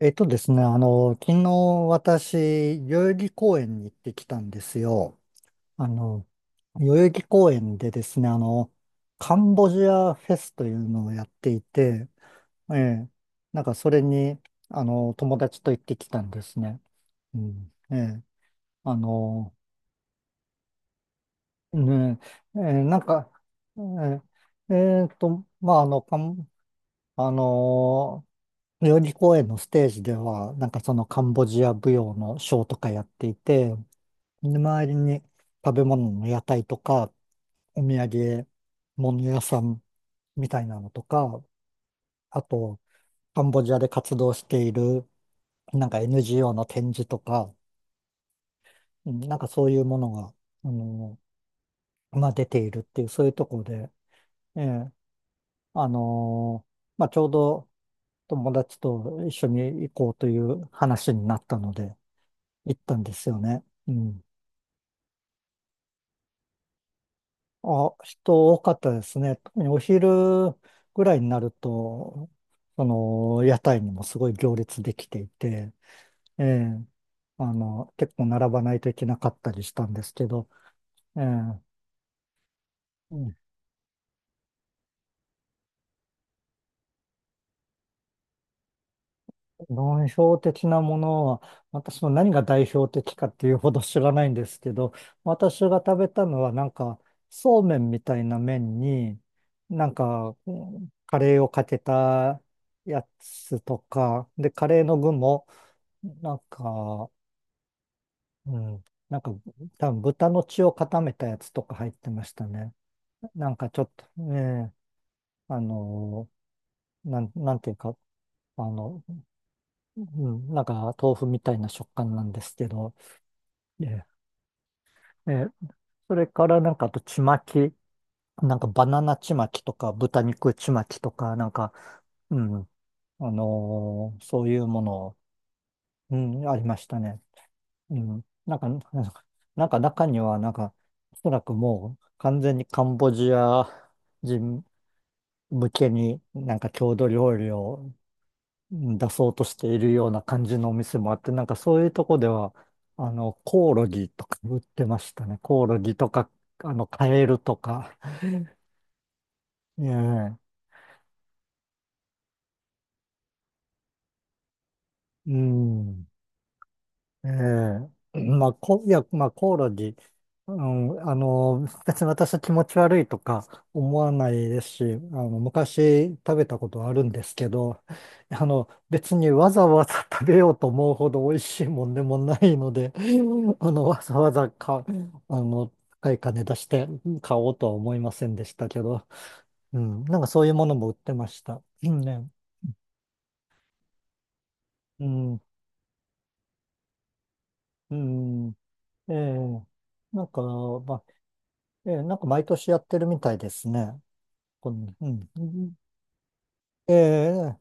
えっとですね、あの、昨日私、代々木公園に行ってきたんですよ。あの、代々木公園でですね、カンボジアフェスというのをやっていて、ええ、なんかそれに、友達と行ってきたんですね。うん、ええ、あの、ね、ええ、なんか、えまあ、あの、カンあの代々木公園のステージでは、なんかそのカンボジア舞踊のショーとかやっていて、で周りに食べ物の屋台とか、お土産物屋さんみたいなのとか、あと、カンボジアで活動している、なんか NGO の展示とか、うんなんかそういうものが、あの、まあ、出ているっていう、そういうところで、ええ、あのまあ、ちょうど友達と一緒に行こうという話になったので、行ったんですよね。うん。あ、人多かったですね。特にお昼ぐらいになると、その、屋台にもすごい行列できていて、ええ、結構並ばないといけなかったりしたんですけど、ええ、代表的なものは、私も何が代表的かっていうほど知らないんですけど、私が食べたのはなんか、そうめんみたいな麺に、なんか、うんカレーをかけたやつとか、で、カレーの具も、なんか、うん、なんか、多分豚の血を固めたやつとか入ってましたね。なんかちょっと、ね、あの、なんていうか、あの、うん、なんか豆腐みたいな食感なんですけど、ええ、それからなんかあとちまき、なんかバナナちまきとか豚肉ちまきとか、なんか、うん、そういうもの、うん、ありましたね。うん、なんか、なんか中にはなんか、おそらくもう完全にカンボジア人向けになんか郷土料理をうん出そうとしているような感じのお店もあって、なんかそういうとこでは、コオロギとか売ってましたね。コオロギとか、カエルとか。ええ、うん。ええ、まあ、いや、まあ、コオロギ、うん、別に私は気持ち悪いとか思わないですし、昔食べたことあるんですけど、別にわざわざ食べようと思うほど美味しいもんでもないので、あの、わざわざか、あの、高い金出して買おうとは思いませんでしたけど、うん、なんかそういうものも売ってました。ねうんね、うん、うん、ええ、なんか、まあええ、なんか毎年やってるみたいですね。うん。ええ、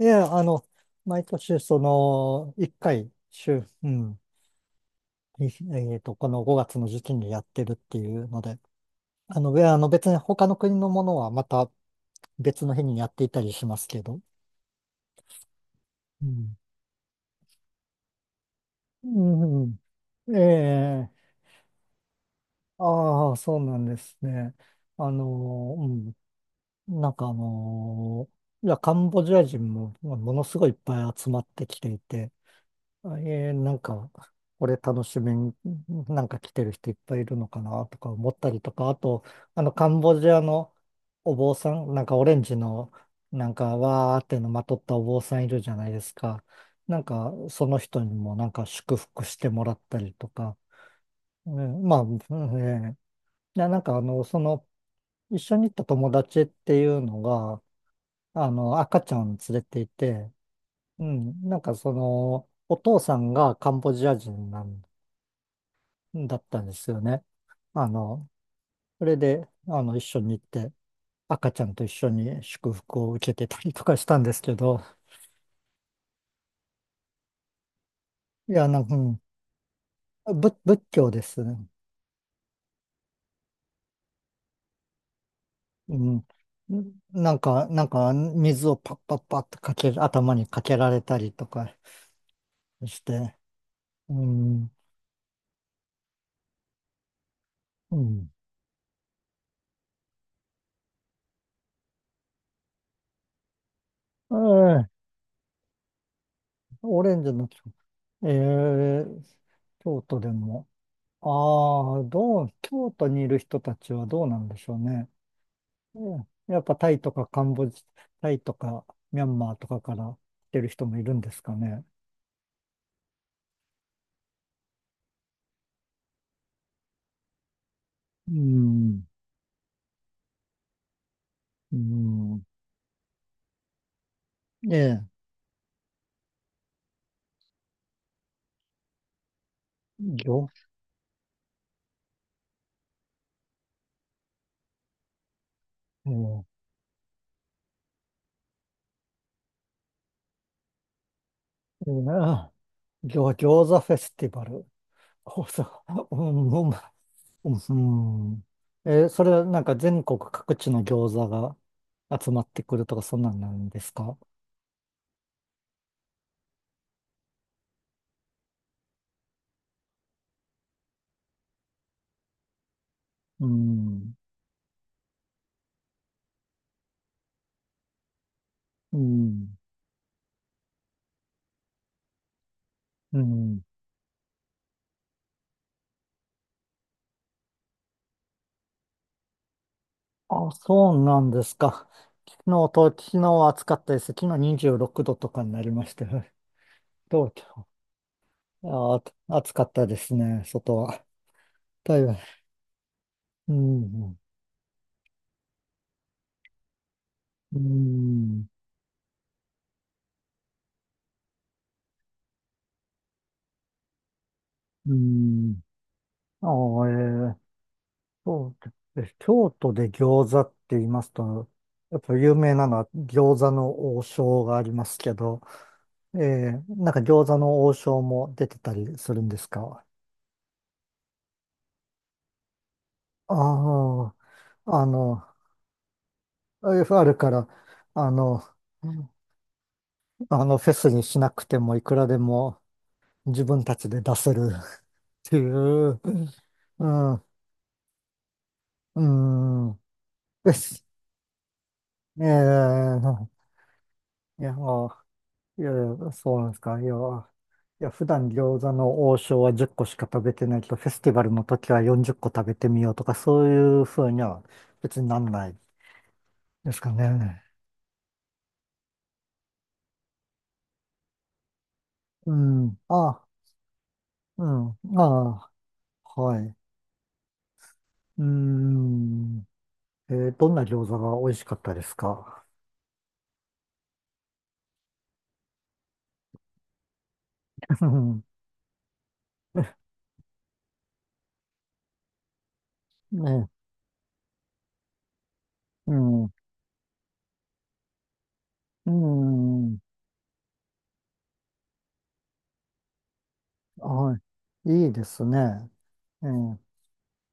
ええ、毎年その、一回、週、うん、いえっと、この5月の時期にやってるっていうので、あの、えあの別に他の国のものはまた別の日にやっていたりしますけど。うん。うん、うんええ、ああ、そうなんですね。うん、なんかいや、カンボジア人もものすごいいっぱい集まってきていて、なんか、これ楽しみに、なんか来てる人いっぱいいるのかなとか思ったりとか、あと、カンボジアのお坊さん、なんかオレンジの、なんかわーってのまとったお坊さんいるじゃないですか。なんか、その人にもなんか祝福してもらったりとか、うんまあ、うんえーなんかその、一緒に行った友達っていうのが、赤ちゃん連れていて、うん、なんかその、お父さんがカンボジア人なんだったんですよね。あの、それで、一緒に行って、赤ちゃんと一緒に祝福を受けてたりとかしたんですけど、いや、なんか、うん仏教ですね。うん。なんか、なんか、水をパッパッパッとかける、頭にかけられたりとかして、うん、うん。ええオレンジの木、ええ京都でも、ああ、京都にいる人たちはどうなんでしょうね。うんやっぱタイとかカンボジ、タイとかミャンマーとかから来てる人もいるんですかね。うん。うん。ええ。餃、うんいいな餃子フェスティバル。餃子、うん、うん、うん。それはなんか全国各地の餃子が集まってくるとかそんなんなんですか？うん。うん。うん。あ、そうなんですか。昨日は暑かったです。昨日26度とかになりましたよ。東京、あ、暑かったですね、外は。だいぶ、うん、うん、うん。ああ、ー、そうです。京都で餃子って言いますと、やっぱ有名なのは餃子の王将がありますけど、なんか餃子の王将も出てたりするんですか？ああ、あるから、あの、うんフェスにしなくてもいくらでも自分たちで出せる っていう、うん、うん、です。ええいや、もう、いや、いやそうなんですか。いや、いや、普段餃子の王将は10個しか食べてないけど、フェスティバルの時は40個食べてみようとか、そういうふうには別になんないですかね。うん、あ、うん、あ、はい。うん。どんな餃子が美味しかったですか？ うんね、うん、うん、はい、いいですね。えー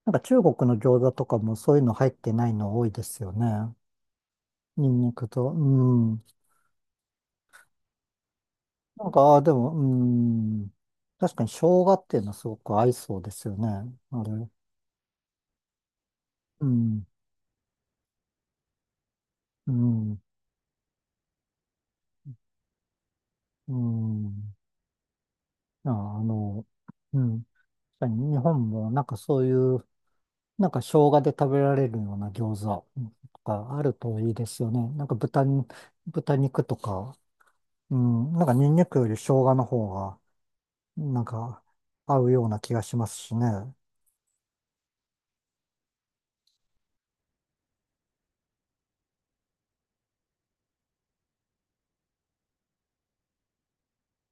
なんか中国の餃子とかもそういうの入ってないの多いですよね。ニンニクと、うん。なんか、あー、でも、うん。確かに生姜っていうのはすごく合いそうですよね。あれ。うん、うん、うん。ああの、うん。確かに日本もなんかそういうなんか生姜で食べられるような餃子とかあるといいですよね。なんか豚肉とか、うん、なんかニンニクより生姜の方が、なんか合うような気がしますしね。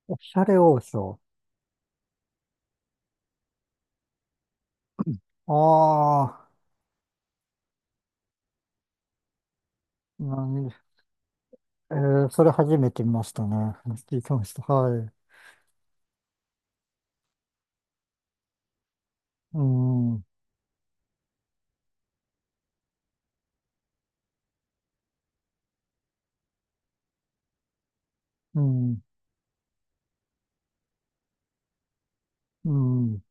おしゃれ王将。ああ、何、えーそれ初めて見ましたね。聞いてました。はい。うん、うん、うん、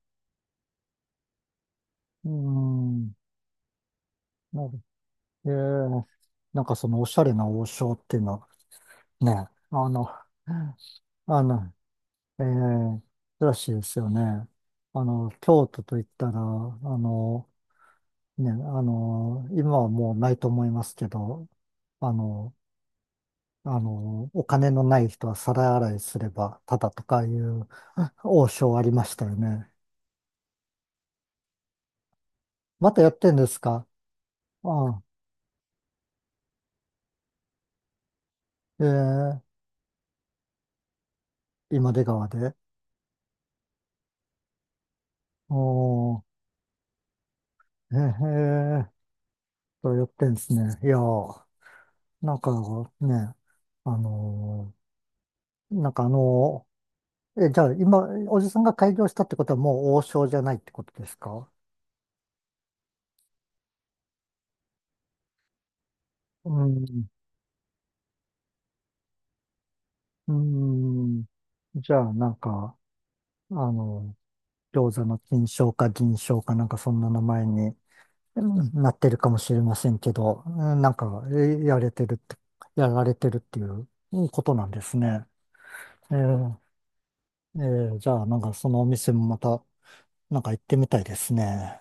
うん。なるえーなんかそのおしゃれな王将っていうのはね、あの、ええ、らしいですよね。京都といったら、ね、今はもうないと思いますけど、あの、お金のない人は皿洗いすれば、ただとかいう 王将ありましたよね。またやってんですか？ああ、ええ、今出川で。おー、ええやってんですね。いやー、なんかね、あのなんかあのえ、じゃあ今、おじさんが開業したってことはもう王将じゃないってことですか？うん。うん。じゃあなんか、あの、餃子の金賞か銀賞かなんかそんな名前にうんなってるかもしれませんけど、うんなんか、えやれてるって、やられてるっていううんことなんですね。ええええじゃあなんかそのお店もまた、なんか行ってみたいですね。